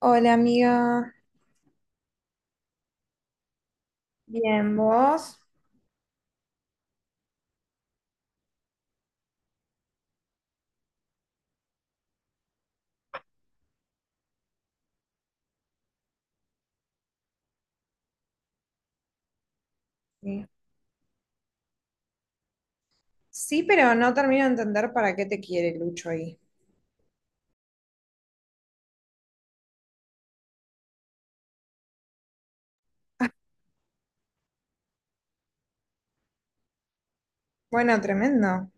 Hola amiga. Bien, vos. Sí. Sí, pero no termino de entender para qué te quiere Lucho ahí. Bueno, tremendo.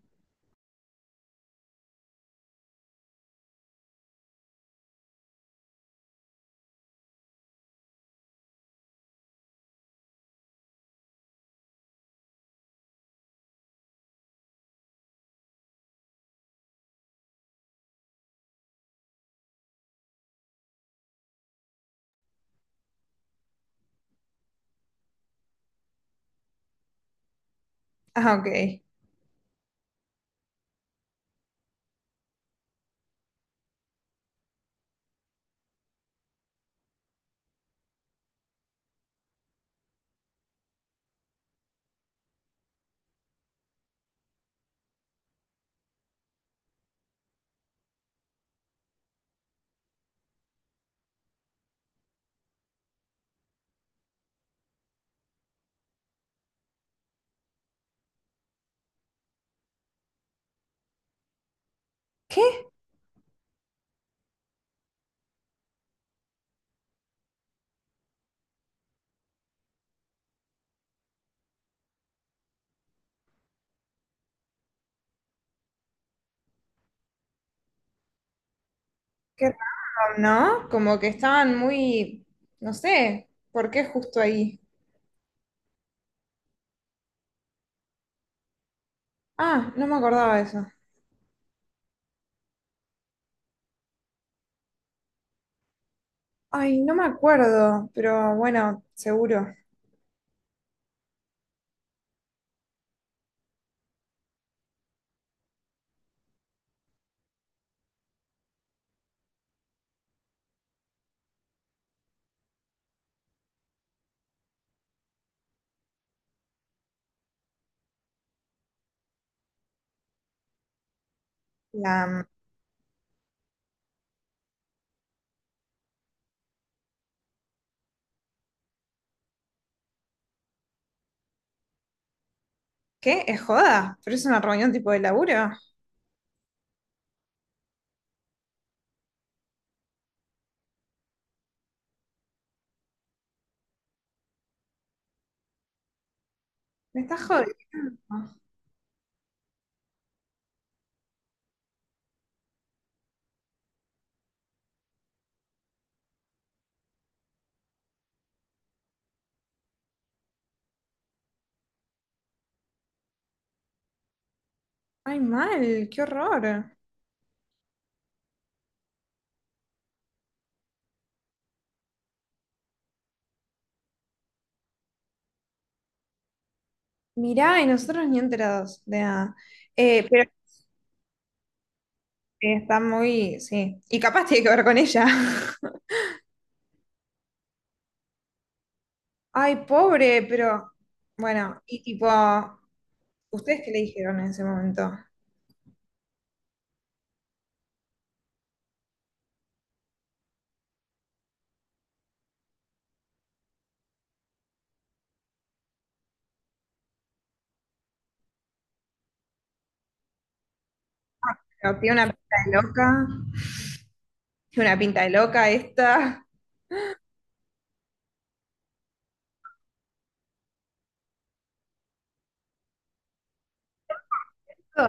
Ah, ok. ¿Qué? Qué raro, ¿no? Como que estaban muy, no sé, ¿por qué justo ahí? Ah, no me acordaba de eso. Ay, no me acuerdo, pero bueno, seguro. La, ¿qué? ¿Es joda? ¿Pero es una reunión tipo de laburo? Me estás jodiendo. Ay, mal, qué horror. Mirá, y nosotros ni enterados de nada. Pero está muy, sí. Y capaz tiene que ver con ella. Ay, pobre, pero bueno, y tipo, ¿ustedes qué le dijeron en ese momento? Pero tiene una pinta de loca, tiene una pinta de loca esta. No,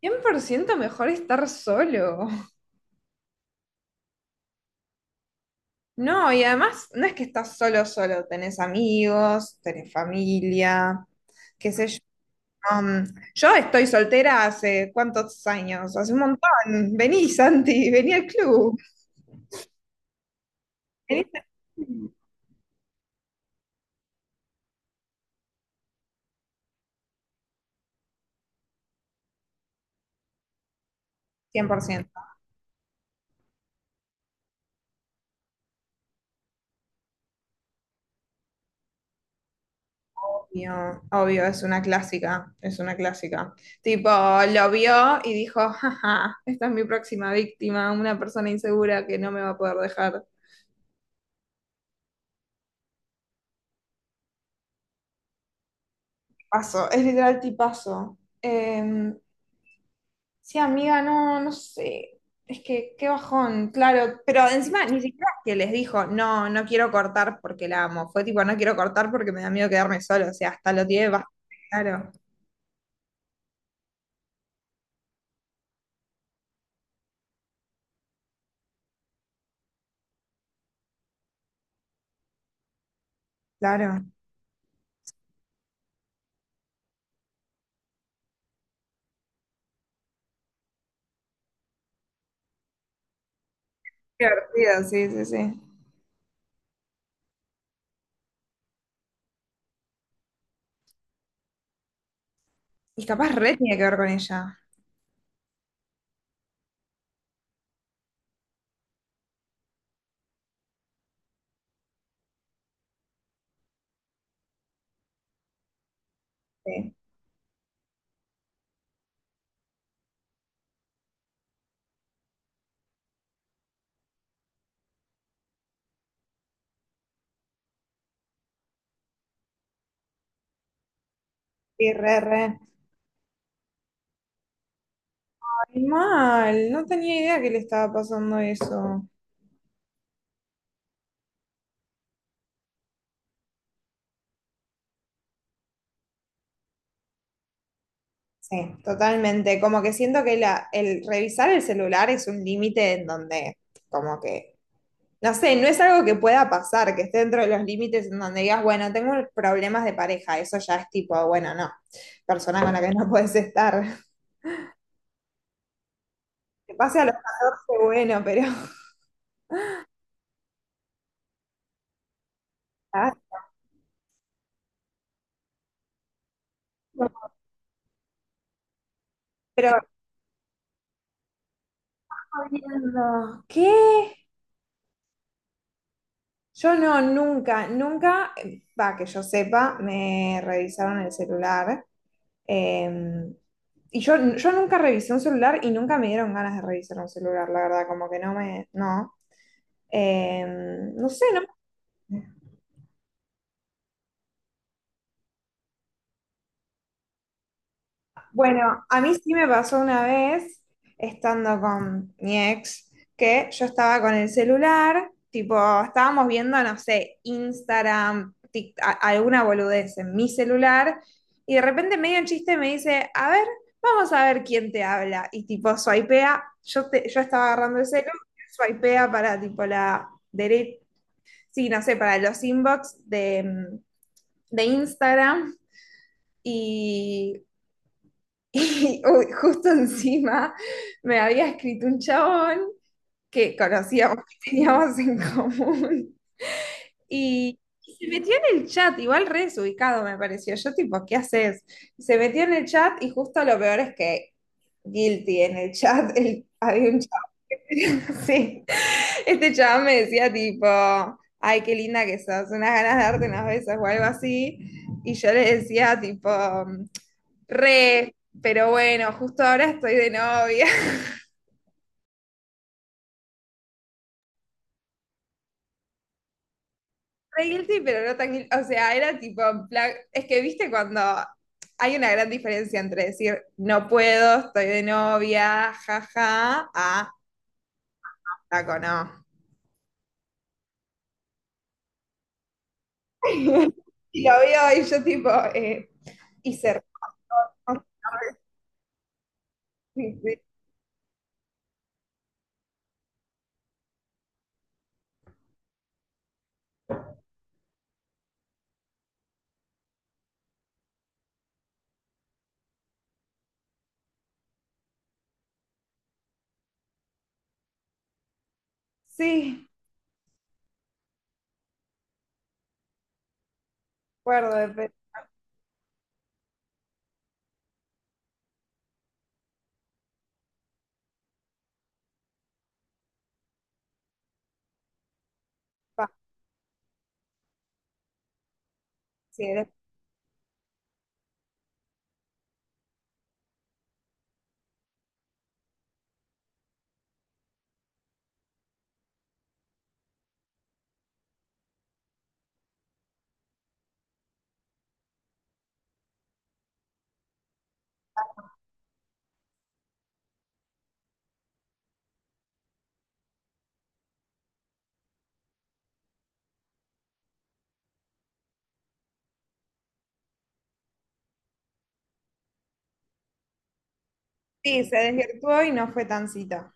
100% mejor estar solo. No, y además no es que estás solo, solo, tenés amigos, tenés familia, qué sé yo. Um, yo estoy soltera hace cuántos años, hace un montón. Vení, Santi, vení al club. Vení. 100%. Obvio, obvio, es una clásica, es una clásica. Tipo, lo vio y dijo, jaja, esta es mi próxima víctima, una persona insegura que no me va a poder dejar. Paso, es literal tipazo. Eh, Sí, amiga, no, no sé. Es que qué bajón, claro. Pero encima ni siquiera es que les dijo, no, no quiero cortar porque la amo. Fue tipo, no quiero cortar porque me da miedo quedarme solo. O sea, hasta lo tiene bastante claro, claro. Qué divertido, sí, sí, sí. Y capaz re tiene que ver con ella. Sí, sí, re, re. Ay, mal, no tenía idea que le estaba pasando eso. Sí, totalmente. Como que siento que la, el revisar el celular es un límite en donde como que no sé, no es algo que pueda pasar, que esté dentro de los límites en donde digas, bueno, tengo problemas de pareja, eso ya es tipo, bueno, no, persona con la que no puedes estar. Que pase a los 14, bueno, pero... ah, no. Pero, jodiendo. ¿Qué? Yo no, nunca, nunca, va, que yo sepa, me revisaron el celular. eh, yo nunca revisé un celular y nunca me dieron ganas de revisar un celular, la verdad, como que no me, no. Eh, no sé, no. Bueno, a mí sí me pasó una vez, estando con mi ex, que yo estaba con el celular, tipo, estábamos viendo, no sé, Instagram, Tik- a- alguna boludez en mi celular, y de repente medio en chiste me dice, a ver, vamos a ver quién te habla. Y tipo, swipea, yo, te- yo estaba agarrando el celular, swipea para tipo la derecha, sí, no sé, para los inbox de, de Instagram. Y y uy, justo encima me había escrito un chabón que conocíamos, que teníamos en común. Y se metió en el chat, igual re desubicado me pareció. Yo tipo, ¿qué haces? Se metió en el chat y justo lo peor es que guilty en el chat. El- había un sí, este chaval me decía tipo, ay, qué linda que sos, unas ganas de darte unas besos o algo así. Y yo le decía tipo, re, pero bueno, justo ahora estoy de novia. Re guilty, pero no tan guilty. O sea, era tipo, en plan- es que viste cuando hay una gran diferencia entre decir, no puedo, estoy de novia, jaja, a, taco, no. Y lo veo y yo tipo, eh, hice... Sí, acuerdo, de- pe- pa- sí, de- sí, se desvirtuó y no fue tan cita.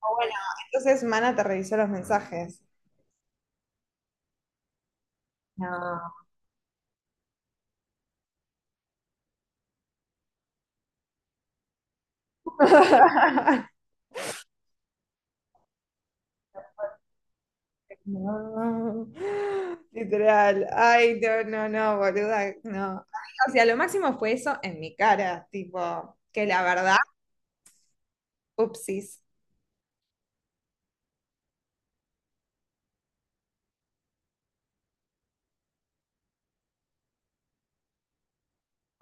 O bueno, entonces Mana te revisó los mensajes. No. No. Literal. Ay, no, no, no, boluda, no. O sea, lo máximo fue eso en mi cara, tipo, que la verdad, upsis.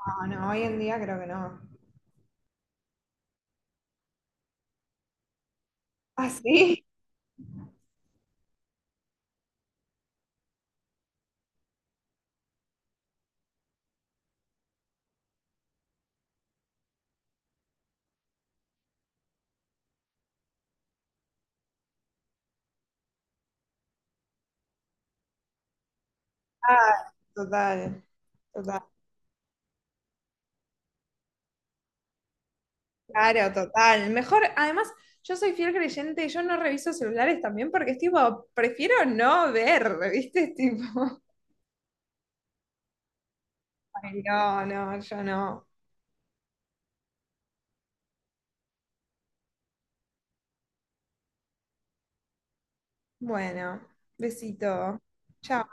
No, no, hoy en día creo que no. ¿Ah, sí? Ah, total, total. Claro, total. Mejor, además, yo soy fiel creyente y yo no reviso celulares también porque es tipo, prefiero no ver, ¿viste? Es tipo, ay, no, no, yo no. Bueno, besito. Chao.